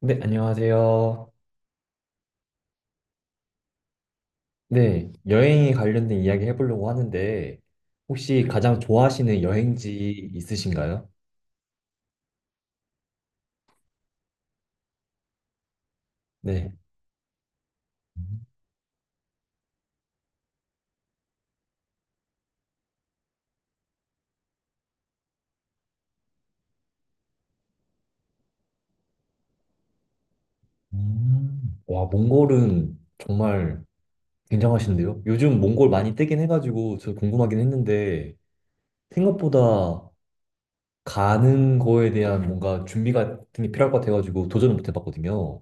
네, 안녕하세요. 네, 여행에 관련된 이야기 해보려고 하는데, 혹시 가장 좋아하시는 여행지 있으신가요? 네. 음. 와, 몽골은 정말 굉장하신데요? 요즘 몽골 많이 뜨긴 해가지고, 저 궁금하긴 했는데, 생각보다 가는 거에 대한 뭔가 준비 같은 게 필요할 것 같아가지고, 도전을 못 해봤거든요.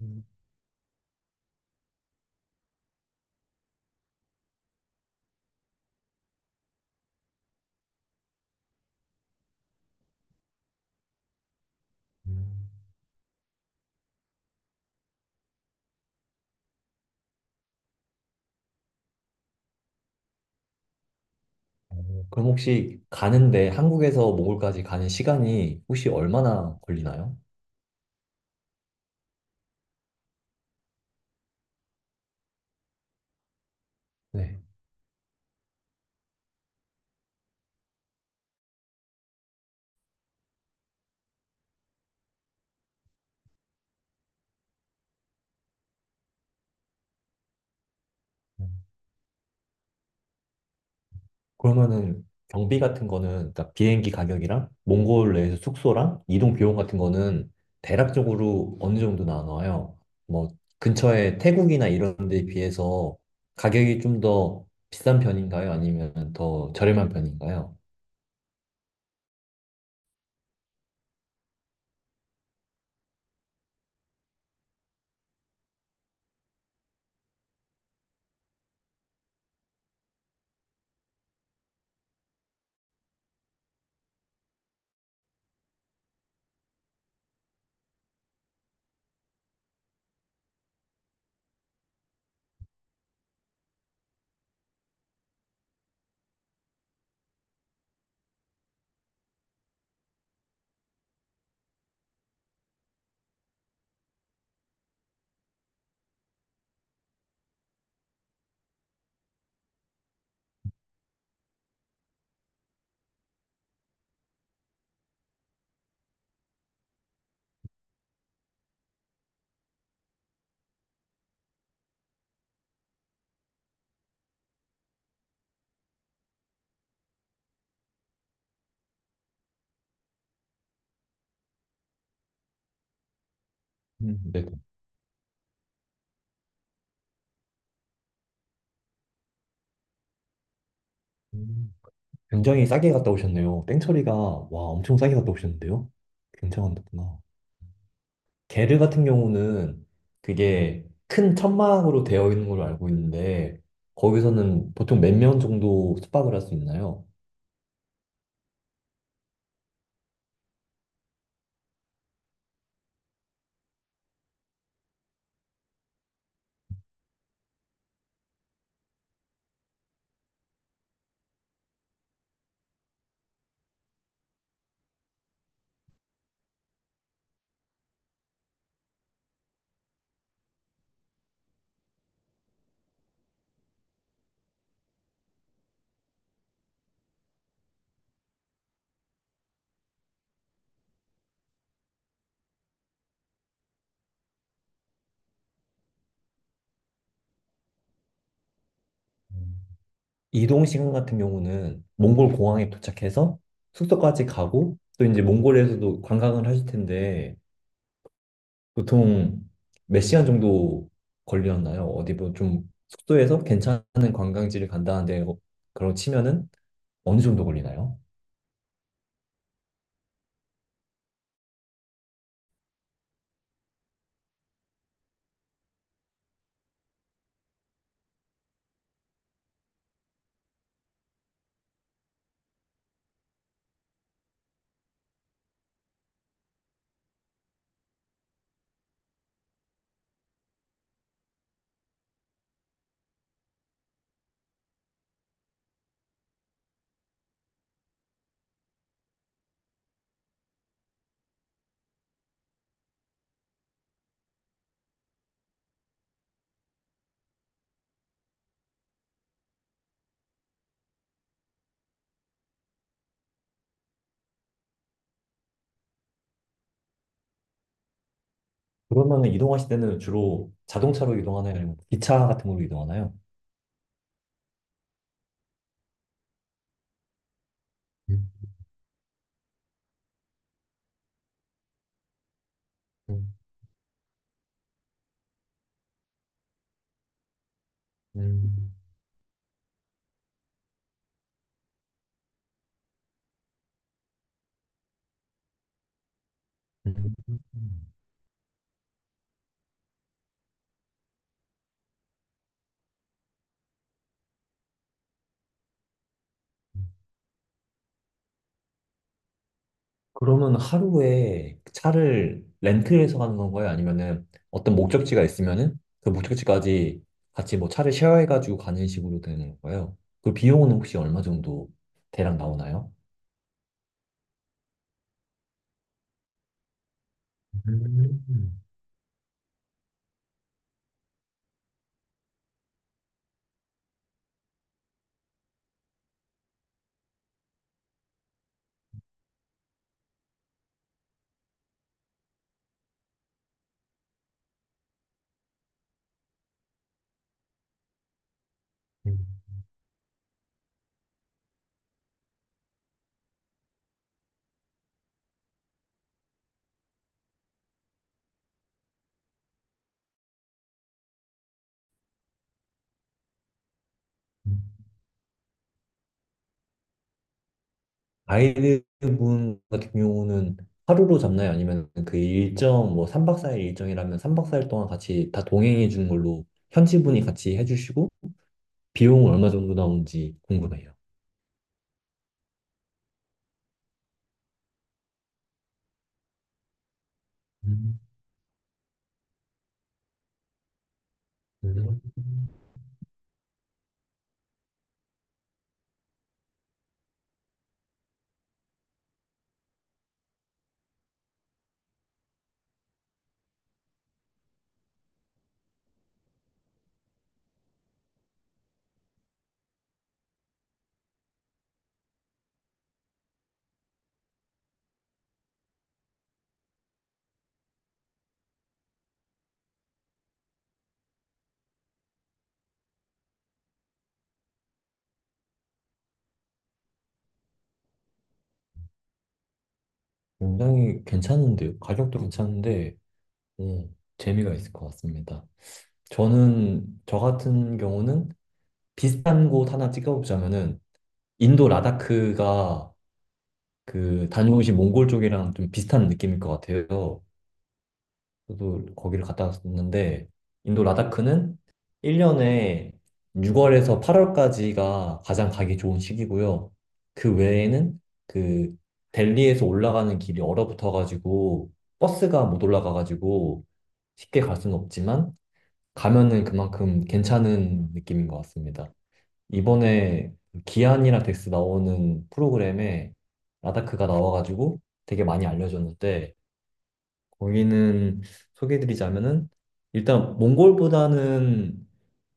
음. 그럼 혹시 가는데 한국에서 몽골까지 가는 시간이 혹시 얼마나 걸리나요? 네. 그러면은 경비 같은 거는 그러니까 비행기 가격이랑 몽골 내에서 숙소랑 이동 비용 같은 거는 대략적으로 어느 정도 나눠요? 뭐 근처에 태국이나 이런 데에 비해서 가격이 좀 더 비싼 편인가요? 아니면 더 저렴한 편인가요? 네. 음, 굉장히 싸게 갔다 오셨네요. 땡처리가 와 엄청 싸게 갔다 오셨는데요? 굉장하구나. 게르 같은 경우는 그게 큰 천막으로 되어 있는 걸로 알고 있는데 거기서는 보통 몇 명 정도 숙박을 할 수 있나요? 이동 시간 같은 경우는 몽골 공항에 도착해서 숙소까지 가고 또 이제 몽골에서도 관광을 하실 텐데 보통 몇 시간 정도 걸렸나요? 어디 뭐좀 숙소에서 괜찮은 관광지를 간다는데 그런 치면은 어느 정도 걸리나요? 그러면은 이동하실 때는 주로 자동차로 이동하나요? 아니면 기차 같은 걸로 이동하나요? 음, 음, 음, 음. 그러면 하루에 차를 렌트해서 가는 건가요? 아니면은 어떤 목적지가 있으면은 그 목적지까지 같이 뭐 차를 쉐어해가지고 가는 식으로 되는 건가요? 그 비용은 혹시 얼마 정도 대략 나오나요? 음, 음, 음. 가이드분 같은 경우는 하루로 잡나요? 아니면 그 일정, 뭐 3박 4일 일정이라면 3박 4일 동안 같이 다 동행해 주는 걸로 현지 분이 같이 해주시고 비용은 얼마 정도 나오는지 궁금해요. 음, 음. 굉장히 괜찮은데요. 가격도 괜찮은데, 재미가 있을 것 같습니다. 저는, 저 같은 경우는 비슷한 곳 하나 찍어보자면은, 인도 라다크가 그 다녀오신 몽골 쪽이랑 좀 비슷한 느낌일 것 같아요. 저도 거기를 갔다 왔었는데 인도 라다크는 1년에 6월에서 8월까지가 가장 가기 좋은 시기고요. 그 외에는 그 델리에서 올라가는 길이 얼어붙어가지고 버스가 못 올라가가지고 쉽게 갈 수는 없지만 가면은 그만큼 괜찮은 느낌인 것 같습니다. 이번에 기안이랑 덱스 나오는 프로그램에 라다크가 나와가지고 되게 많이 알려졌는데 거기는 소개해드리자면은 일단 몽골보다는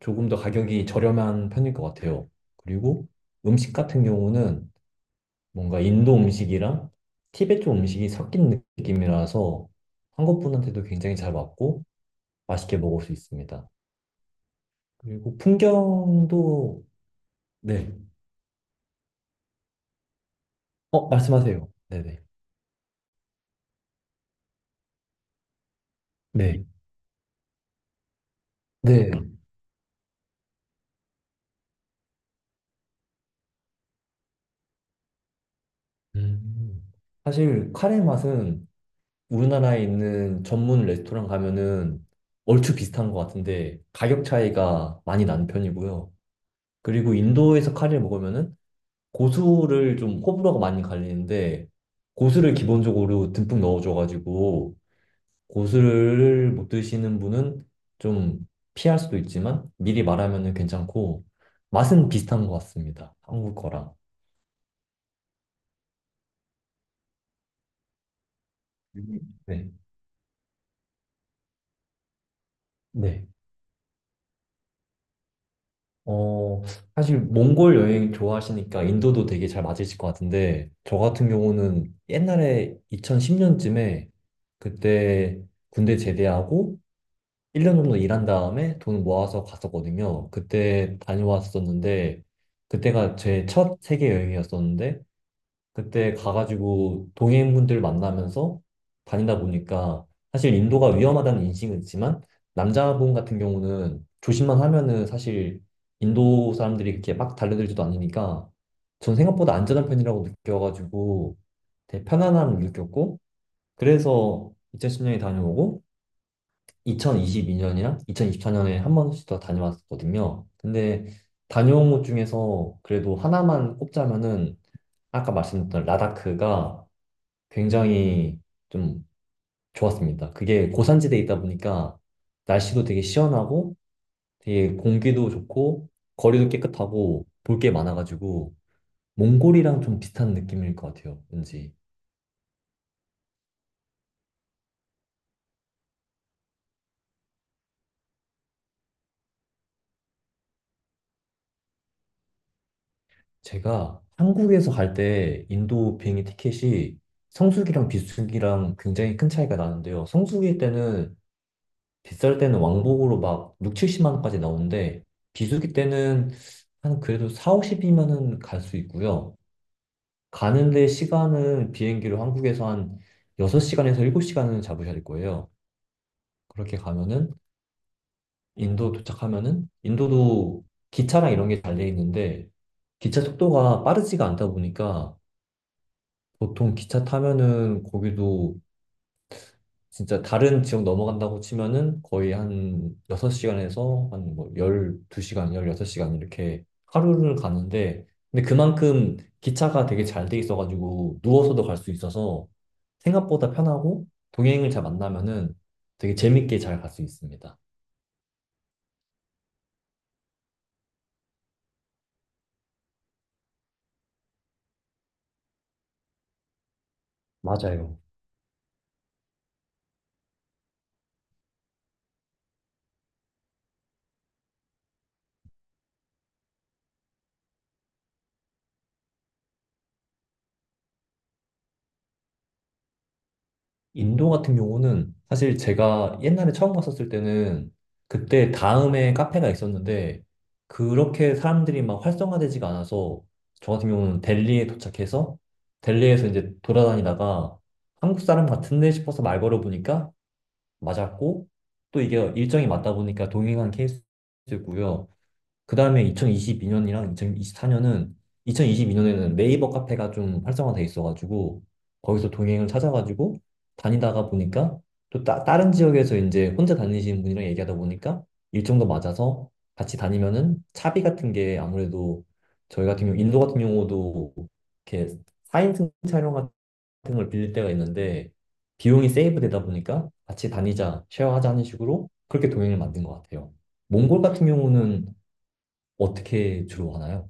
조금 더 가격이 저렴한 편일 것 같아요. 그리고 음식 같은 경우는 뭔가 인도 음식이랑 티베트 쪽 음식이 섞인 느낌이라서 한국 분한테도 굉장히 잘 맞고 맛있게 먹을 수 있습니다. 그리고 풍경도 네. 말씀하세요. 네네. 네. 네. 음. 사실 카레 맛은 우리나라에 있는 전문 레스토랑 가면은 얼추 비슷한 것 같은데 가격 차이가 많이 나는 편이고요. 그리고 인도에서 카레를 먹으면은 고수를 좀 호불호가 많이 갈리는데 고수를 기본적으로 듬뿍 넣어줘가지고 고수를 못 드시는 분은 좀 피할 수도 있지만 미리 말하면은 괜찮고 맛은 비슷한 것 같습니다. 한국 거랑. 음. 네. 네. 어, 사실 몽골 여행 좋아하시니까 인도도 되게 잘 맞으실 것 같은데, 저 같은 경우는 옛날에 2010년쯤에 그때 군대 제대하고 1년 정도 일한 다음에 돈 모아서 갔었거든요. 그때 다녀왔었는데, 그때가 제 첫 세계 여행이었었는데, 그때 가가지고 동해인분들 만나면서 다니다 보니까 사실 인도가 위험하다는 인식은 있지만 남자분 같은 경우는 조심만 하면은 사실 인도 사람들이 그렇게 막 달려들지도 않으니까 전 생각보다 안전한 편이라고 느껴가지고 되게 편안함을 느꼈고 그래서 2010년에 다녀오고 2022년이랑 2024년에 한 번씩 더 다녀왔거든요. 근데 다녀온 곳 중에서 그래도 하나만 꼽자면은 아까 말씀드렸던 라다크가 굉장히 좀 좋았습니다. 그게 고산지대에 있다 보니까 날씨도 되게 시원하고 되게 공기도 좋고 거리도 깨끗하고 볼 게 많아가지고 몽골이랑 좀 비슷한 느낌일 것 같아요. 왠지 제가 한국에서 갈 때 인도 비행기 티켓이 성수기랑 비수기랑 굉장히 큰 차이가 나는데요. 성수기 때는 비쌀 때는 왕복으로 막 6, 70만 원까지 나오는데 비수기 때는 한 그래도 4, 50이면은 갈 수 있고요. 가는데 시간은 비행기로 한국에서 한 6시간에서 7시간은 잡으셔야 될 거예요. 그렇게 가면은 인도 도착하면은 인도도 기차랑 이런 게 잘 돼 있는데 기차 속도가 빠르지가 않다 보니까 보통 기차 타면은 거기도 진짜 다른 지역 넘어간다고 치면은 거의 한 6시간에서 한 뭐 12시간, 16시간 이렇게 하루를 가는데 근데 그만큼 기차가 되게 잘 돼 있어가지고 누워서도 갈 수 있어서 생각보다 편하고 동행을 잘 만나면은 되게 재밌게 잘 갈 수 있습니다. 맞아요. 인도 같은 경우는 사실 제가 옛날에 처음 갔었을 때는 그때 다음에 카페가 있었는데 그렇게 사람들이 막 활성화되지가 않아서 저 같은 경우는 델리에 도착해서 델리에서 이제 돌아다니다가 한국 사람 같은데 싶어서 말 걸어보니까 맞았고 또 이게 일정이 맞다 보니까 동행한 케이스고요. 그 다음에 2022년이랑 2024년은 2022년에는 네이버 카페가 좀 활성화돼 있어가지고 거기서 동행을 찾아가지고 다니다가 보니까 또 다른 지역에서 이제 혼자 다니시는 분이랑 얘기하다 보니까 일정도 맞아서 같이 다니면은 차비 같은 게 아무래도 저희 같은 경우 인도 같은 경우도 이렇게 4인승 차량 같은 걸 빌릴 때가 있는데 비용이 세이브되다 보니까 같이 다니자, 쉐어하자 하는 식으로 그렇게 동행을 만든 것 같아요. 몽골 같은 경우는 어떻게 주로 가나요?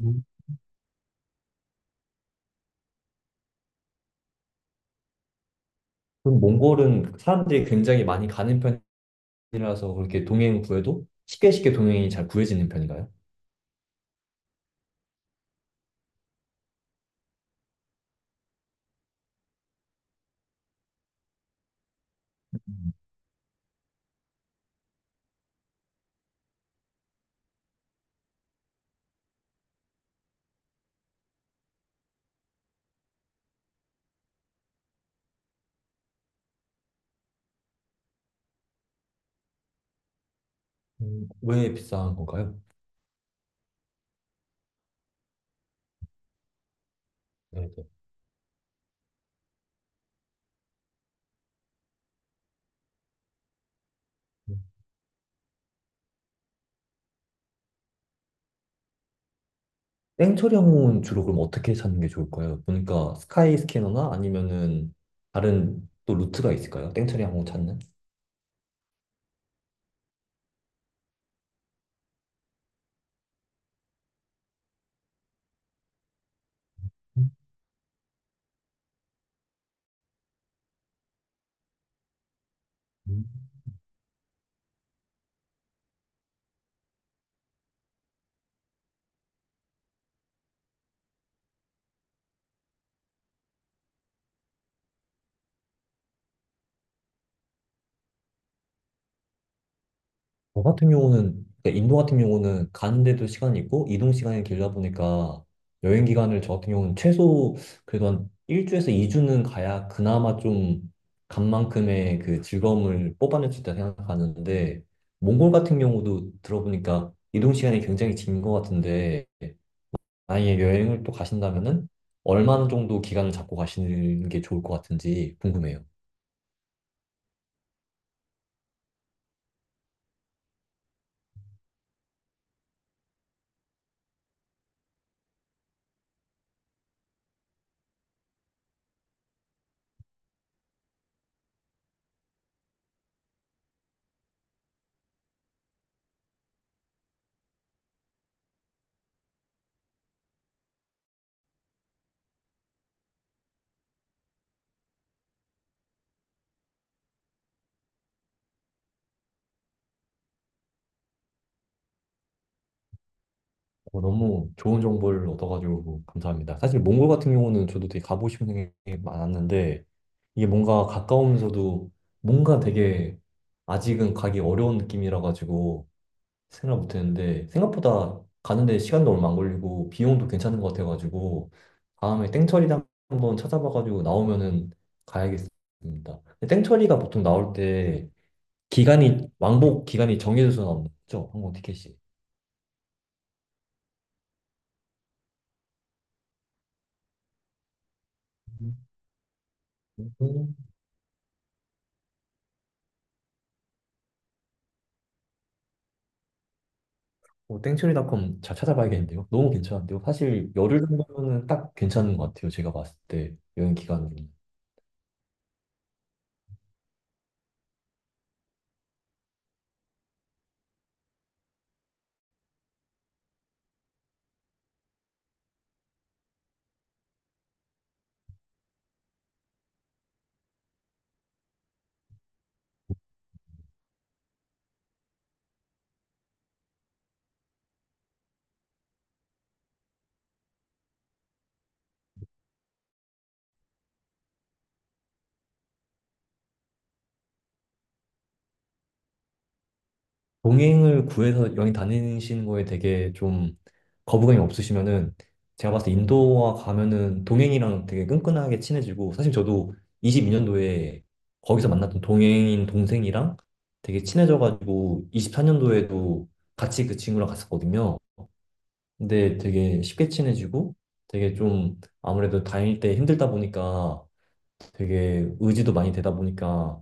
음. 그럼 몽골은 사람들이 굉장히 많이 가는 편이라서 그렇게 동행 구해도 쉽게 쉽게 동행이 잘 구해지는 편인가요? 왜 비싼 건가요? 네, 네. 음. 땡처리 항공은 주로 그럼 어떻게 찾는 게 좋을까요? 보니까 스카이 스캐너나 아니면은 다른 또 루트가 있을까요? 땡처리 항공 찾는? 저 같은 경우는, 그러니까 인도 같은 경우는 가는데도 시간이 있고, 이동 시간이 길다 보니까, 여행 기간을 저 같은 경우는 최소, 그래도 한 1주에서 2주는 가야 그나마 좀, 간 만큼의 그 즐거움을 뽑아낼 수 있다 생각하는데, 몽골 같은 경우도 들어보니까, 이동 시간이 굉장히 긴 것 같은데, 만약에 여행을 또 가신다면은, 얼마나 정도 기간을 잡고 가시는 게 좋을 것 같은지 궁금해요. 너무 좋은 정보를 얻어가지고 감사합니다. 사실 몽골 같은 경우는 저도 되게 가보고 싶은 생각이 많았는데 이게 뭔가 가까우면서도 뭔가 되게 아직은 가기 어려운 느낌이라 가지고 생각 못했는데 생각보다 가는데 시간도 얼마 안 걸리고 비용도 괜찮은 것 같아가지고 다음에 땡처리를 한번 찾아봐가지고 나오면은 가야겠습니다. 근데 땡처리가 보통 나올 때 기간이 왕복 기간이 정해져서 나오는 거죠? 항공 티켓이. 음. 땡처리닷컴 잘 찾아봐야겠는데요. 너무 괜찮은데요. 사실 열흘 정도면은 딱 괜찮은 것 같아요. 제가 봤을 때 여행 기간으로. 동행을 구해서 여행 다니시는 거에 되게 좀 거부감이 없으시면은 제가 봤을 때 인도와 가면은 동행이랑 되게 끈끈하게 친해지고 사실 저도 22년도에 거기서 만났던 동행인 동생이랑 되게 친해져가지고 24년도에도 같이 그 친구랑 갔었거든요. 근데 되게 쉽게 친해지고 되게 좀 아무래도 다닐 때 힘들다 보니까 되게 의지도 많이 되다 보니까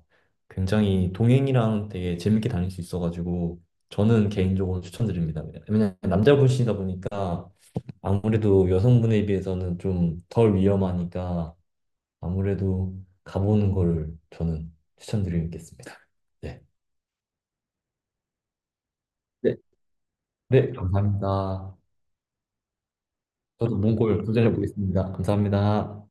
굉장히 동행이랑 되게 재밌게 다닐 수 있어가지고 저는 개인적으로 추천드립니다. 왜냐면 남자분이시다 보니까 아무래도 여성분에 비해서는 좀 덜 위험하니까 아무래도 가보는 거를 저는 추천드리겠습니다. 네. 네. 네, 감사합니다. 저도 몽골 도전해 보겠습니다. 감사합니다.